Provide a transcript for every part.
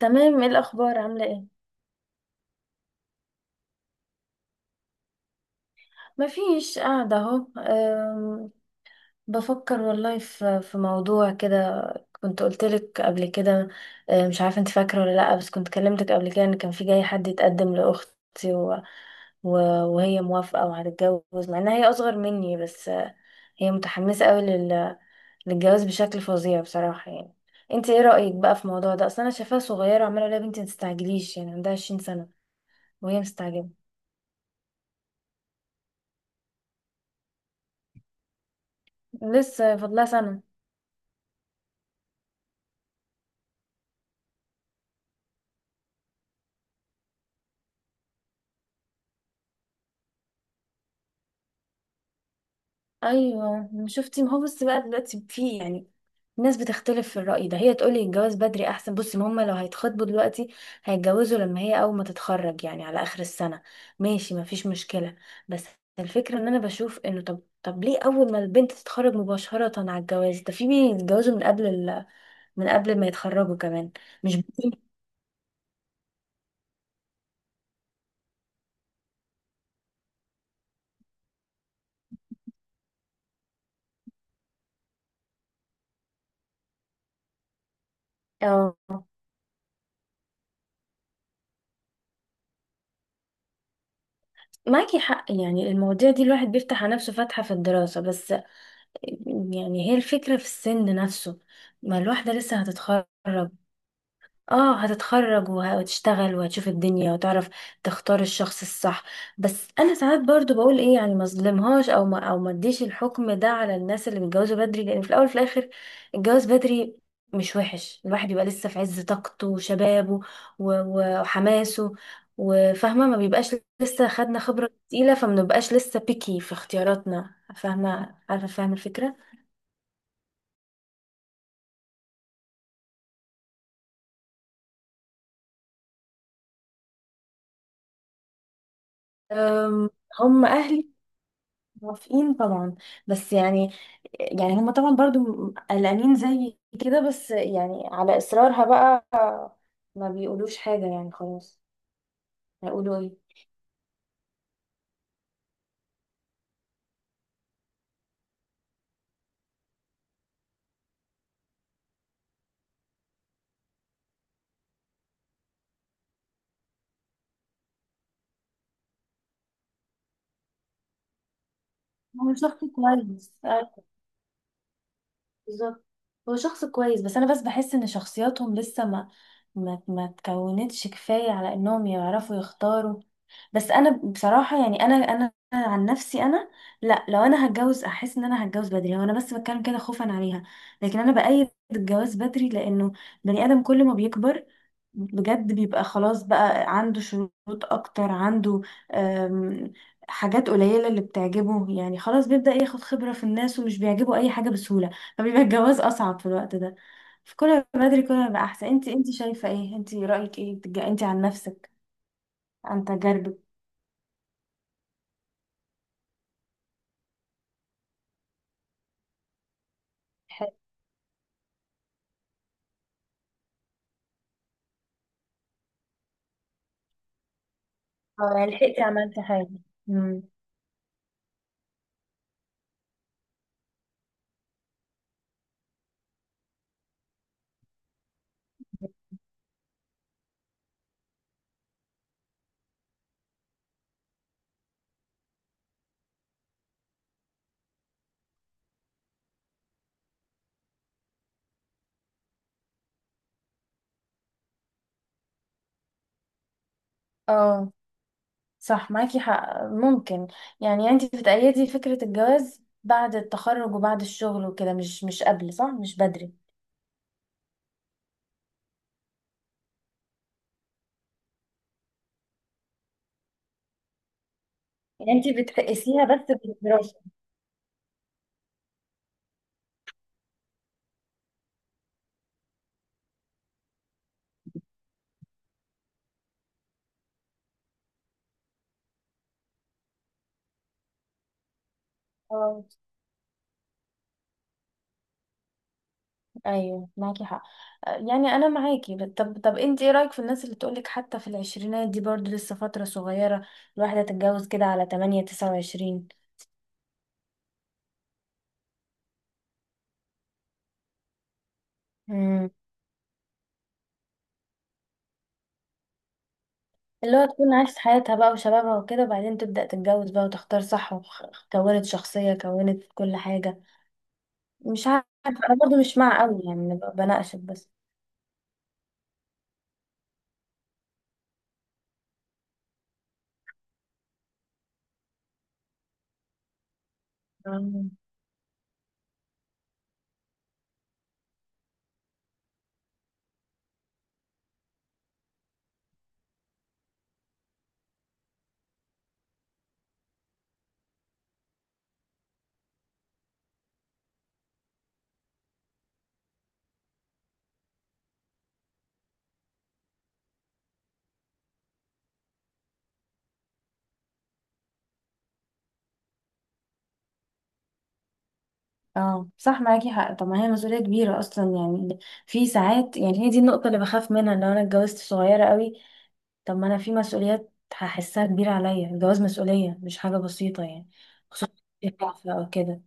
تمام، ايه الاخبار؟ عامله ايه؟ مفيش، قاعده اهو. بفكر والله في موضوع كده. كنت قلتلك قبل كده. مش عارفه انت فاكره ولا لا، بس كنت كلمتك قبل كده ان كان في جاي حد يتقدم لاختي و... وهي موافقه وهتتجوز، مع انها هي اصغر مني. بس أه، هي متحمسه قوي للجواز بشكل فظيع بصراحه، يعني. انت ايه رايك بقى في الموضوع ده؟ اصل انا شايفاها صغيره، وعماله اقول لها يا بنتي ما تستعجليش، يعني عندها 20 سنه، وهي مستعجله. لسه فاضلها سنه. ايوه، شفتي، ما هو بس بقى دلوقتي في، يعني الناس بتختلف في الرأي ده. هي تقولي الجواز بدري احسن. بصي، ما هما لو هيتخطبوا دلوقتي هيتجوزوا لما هي اول ما تتخرج، يعني على اخر السنة. ماشي، ما فيش مشكلة. بس الفكرة ان انا بشوف انه، طب ليه اول ما البنت تتخرج مباشرة على الجواز ده؟ في بيتجوزوا من قبل ما يتخرجوا كمان. مش ب- اه، معاكي حق. يعني المواضيع دي الواحد بيفتح على نفسه فتحة في الدراسة. بس يعني هي الفكرة في السن نفسه، ما الواحدة لسه هتتخرج. اه، هتتخرج وهتشتغل وهتشوف الدنيا وتعرف تختار الشخص الصح. بس انا ساعات برضو بقول ايه، يعني ما اظلمهاش او ما او ما اديش الحكم ده على الناس اللي بيتجوزوا بدري، لان في الاول وفي الاخر الجواز بدري مش وحش. الواحد يبقى لسه في عز طاقته وشبابه وحماسه وفاهمة، ما بيبقاش لسه خدنا خبرة تقيلة، فما بنبقاش لسه بيكي في اختياراتنا. فاهمة؟ عارفة فاهمة الفكرة. أم، هم اهلي موافقين طبعا، بس يعني يعني هم طبعا برضو قلقانين زي كده، بس يعني على اصرارها بقى ما بيقولوش حاجة، يعني خلاص، هيقولوا ايه. هو شخص كويس. بالظبط، هو شخص كويس، بس انا بس بحس ان شخصياتهم لسه ما تكونتش كفايه على انهم يعرفوا يختاروا. بس انا بصراحه، يعني انا انا أنا عن نفسي، انا لا، لو انا هتجوز احس ان انا هتجوز بدري. هو انا بس بتكلم كده خوفا عليها، لكن انا بأيد الجواز بدري، لانه بني ادم كل ما بيكبر بجد بيبقى خلاص بقى عنده شروط اكتر، عنده، أم، حاجات قليله اللي بتعجبه، يعني خلاص بيبدأ ياخد خبره في الناس، ومش بيعجبه اي حاجه بسهوله. فبيبقى الجواز اصعب في الوقت ده، فكل ما بدري كل ما يبقى احسن. انت شايفه ايه؟ انت رايك ايه؟ انت عن نفسك، عن تجاربك. ح- اه، يعني لحقتي عملتي حاجة. مم. اه، صح، معاكي حق، ممكن. يعني انت بتأيدي فكرة الجواز بعد التخرج وبعد الشغل وكده، مش قبل، صح؟ مش بدري. يعني انت بتقيسيها بس بالدراسة. اه. ايوه معاكي حق. يعني انا معاكي، طب انت ايه رايك في الناس اللي تقولك حتى في العشرينات دي برضو لسه فتره صغيره، الواحده تتجوز كده على 8 29؟ امم اللي هو تكون عاشت حياتها بقى وشبابها وكده، وبعدين تبدا تتجوز بقى وتختار صح، وكونت شخصيه، كونت كل حاجه. مش عارفه، انا برضو مش مع قوي، يعني بناقشك بس. مم. اه، صح معاكي حق. طب ما هي مسؤولية كبيرة اصلا، يعني في ساعات، يعني هي دي النقطة اللي بخاف منها لو انا اتجوزت صغيرة قوي. طب ما انا في مسؤوليات هحسها كبيرة عليا. الجواز مسؤولية، مش حاجة بسيطة يعني. خصوصا او كده.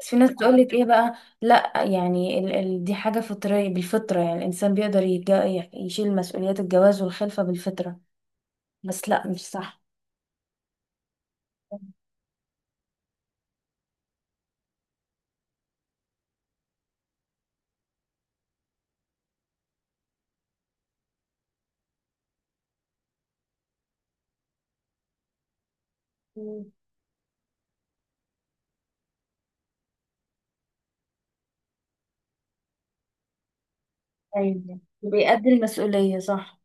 بس في ناس تقولك ايه بقى؟ لا، يعني ال دي حاجة فطرية، بالفطرة يعني الانسان بيقدر يشيل مسؤوليات الجواز والخلفة بالفطرة. بس لا، مش صح. مم. ايوه، بيأدي المسؤولية، صح.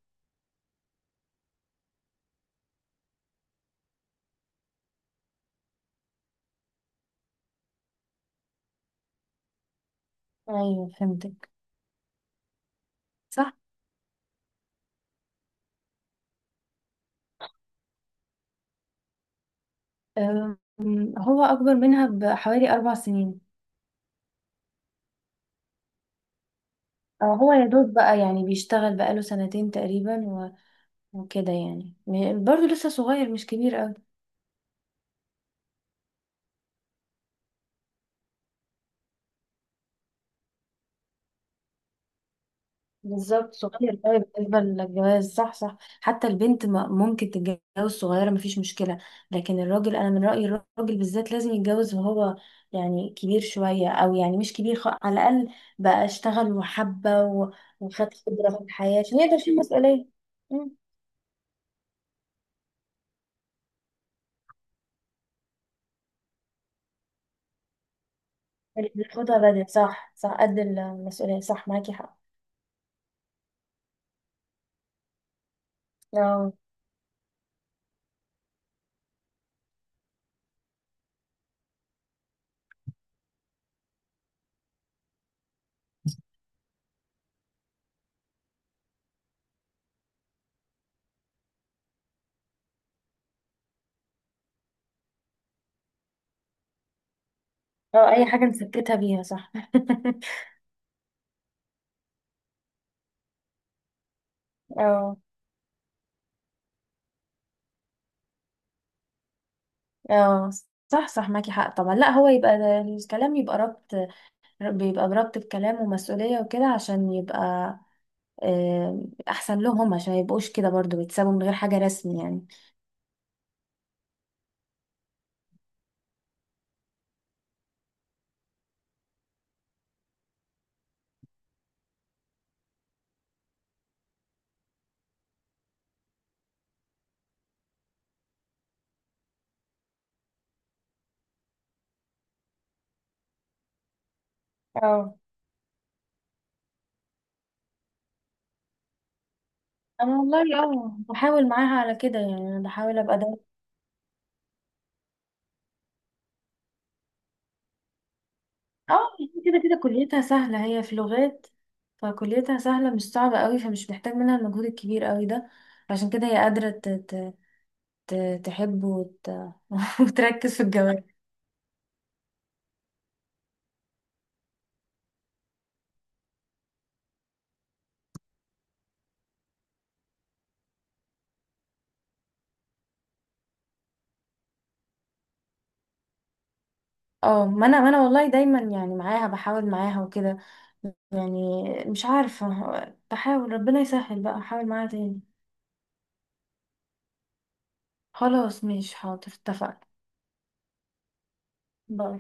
ايوه، فهمتك. صح. هو أكبر منها بحوالي أربع سنين. هو يا دوب بقى يعني بيشتغل بقاله سنتين تقريبا، وكده يعني برضه لسه صغير، مش كبير قوي. بالظبط، صغير قوي بالنسبة للجواز. صح صح. حتى البنت ممكن تتجوز صغيرة، مفيش مشكلة. لكن الراجل، أنا من رأيي الراجل بالذات لازم يتجوز وهو يعني كبير شوية، أو يعني مش كبير، على الأقل بقى اشتغل وحبة وخد خبرة في الحياة، عشان يقدر يشيل مسؤولية. مم. اللي بياخدها بدري، صح صح، قد المسؤولية. صح، معاكي حق. أو أو أي حاجة نسكتها بيها، صح. اه. اه، صح صح، معاكي حق طبعا. لا، هو يبقى الكلام يبقى ربط، بيبقى بربط بكلام ومسؤولية وكده، عشان يبقى آه، أحسن لهم، عشان ميبقوش كده برضو بيتسابوا من غير حاجة رسمي، يعني. اه. أنا والله اه، بحاول معاها على كده، يعني أنا بحاول أبقى ده. اه، كده كده كليتها سهلة، هي في لغات، فكليتها سهلة، مش صعبة قوي، فمش محتاج منها المجهود الكبير قوي ده. عشان كده هي قادرة تحب وتركز في الجواب. اه، ما انا والله دايما يعني معاها بحاول معاها وكده، يعني مش عارفة، بحاول ربنا يسهل بقى، احاول معاها تاني. خلاص، ماشي، حاضر، اتفقنا. باي.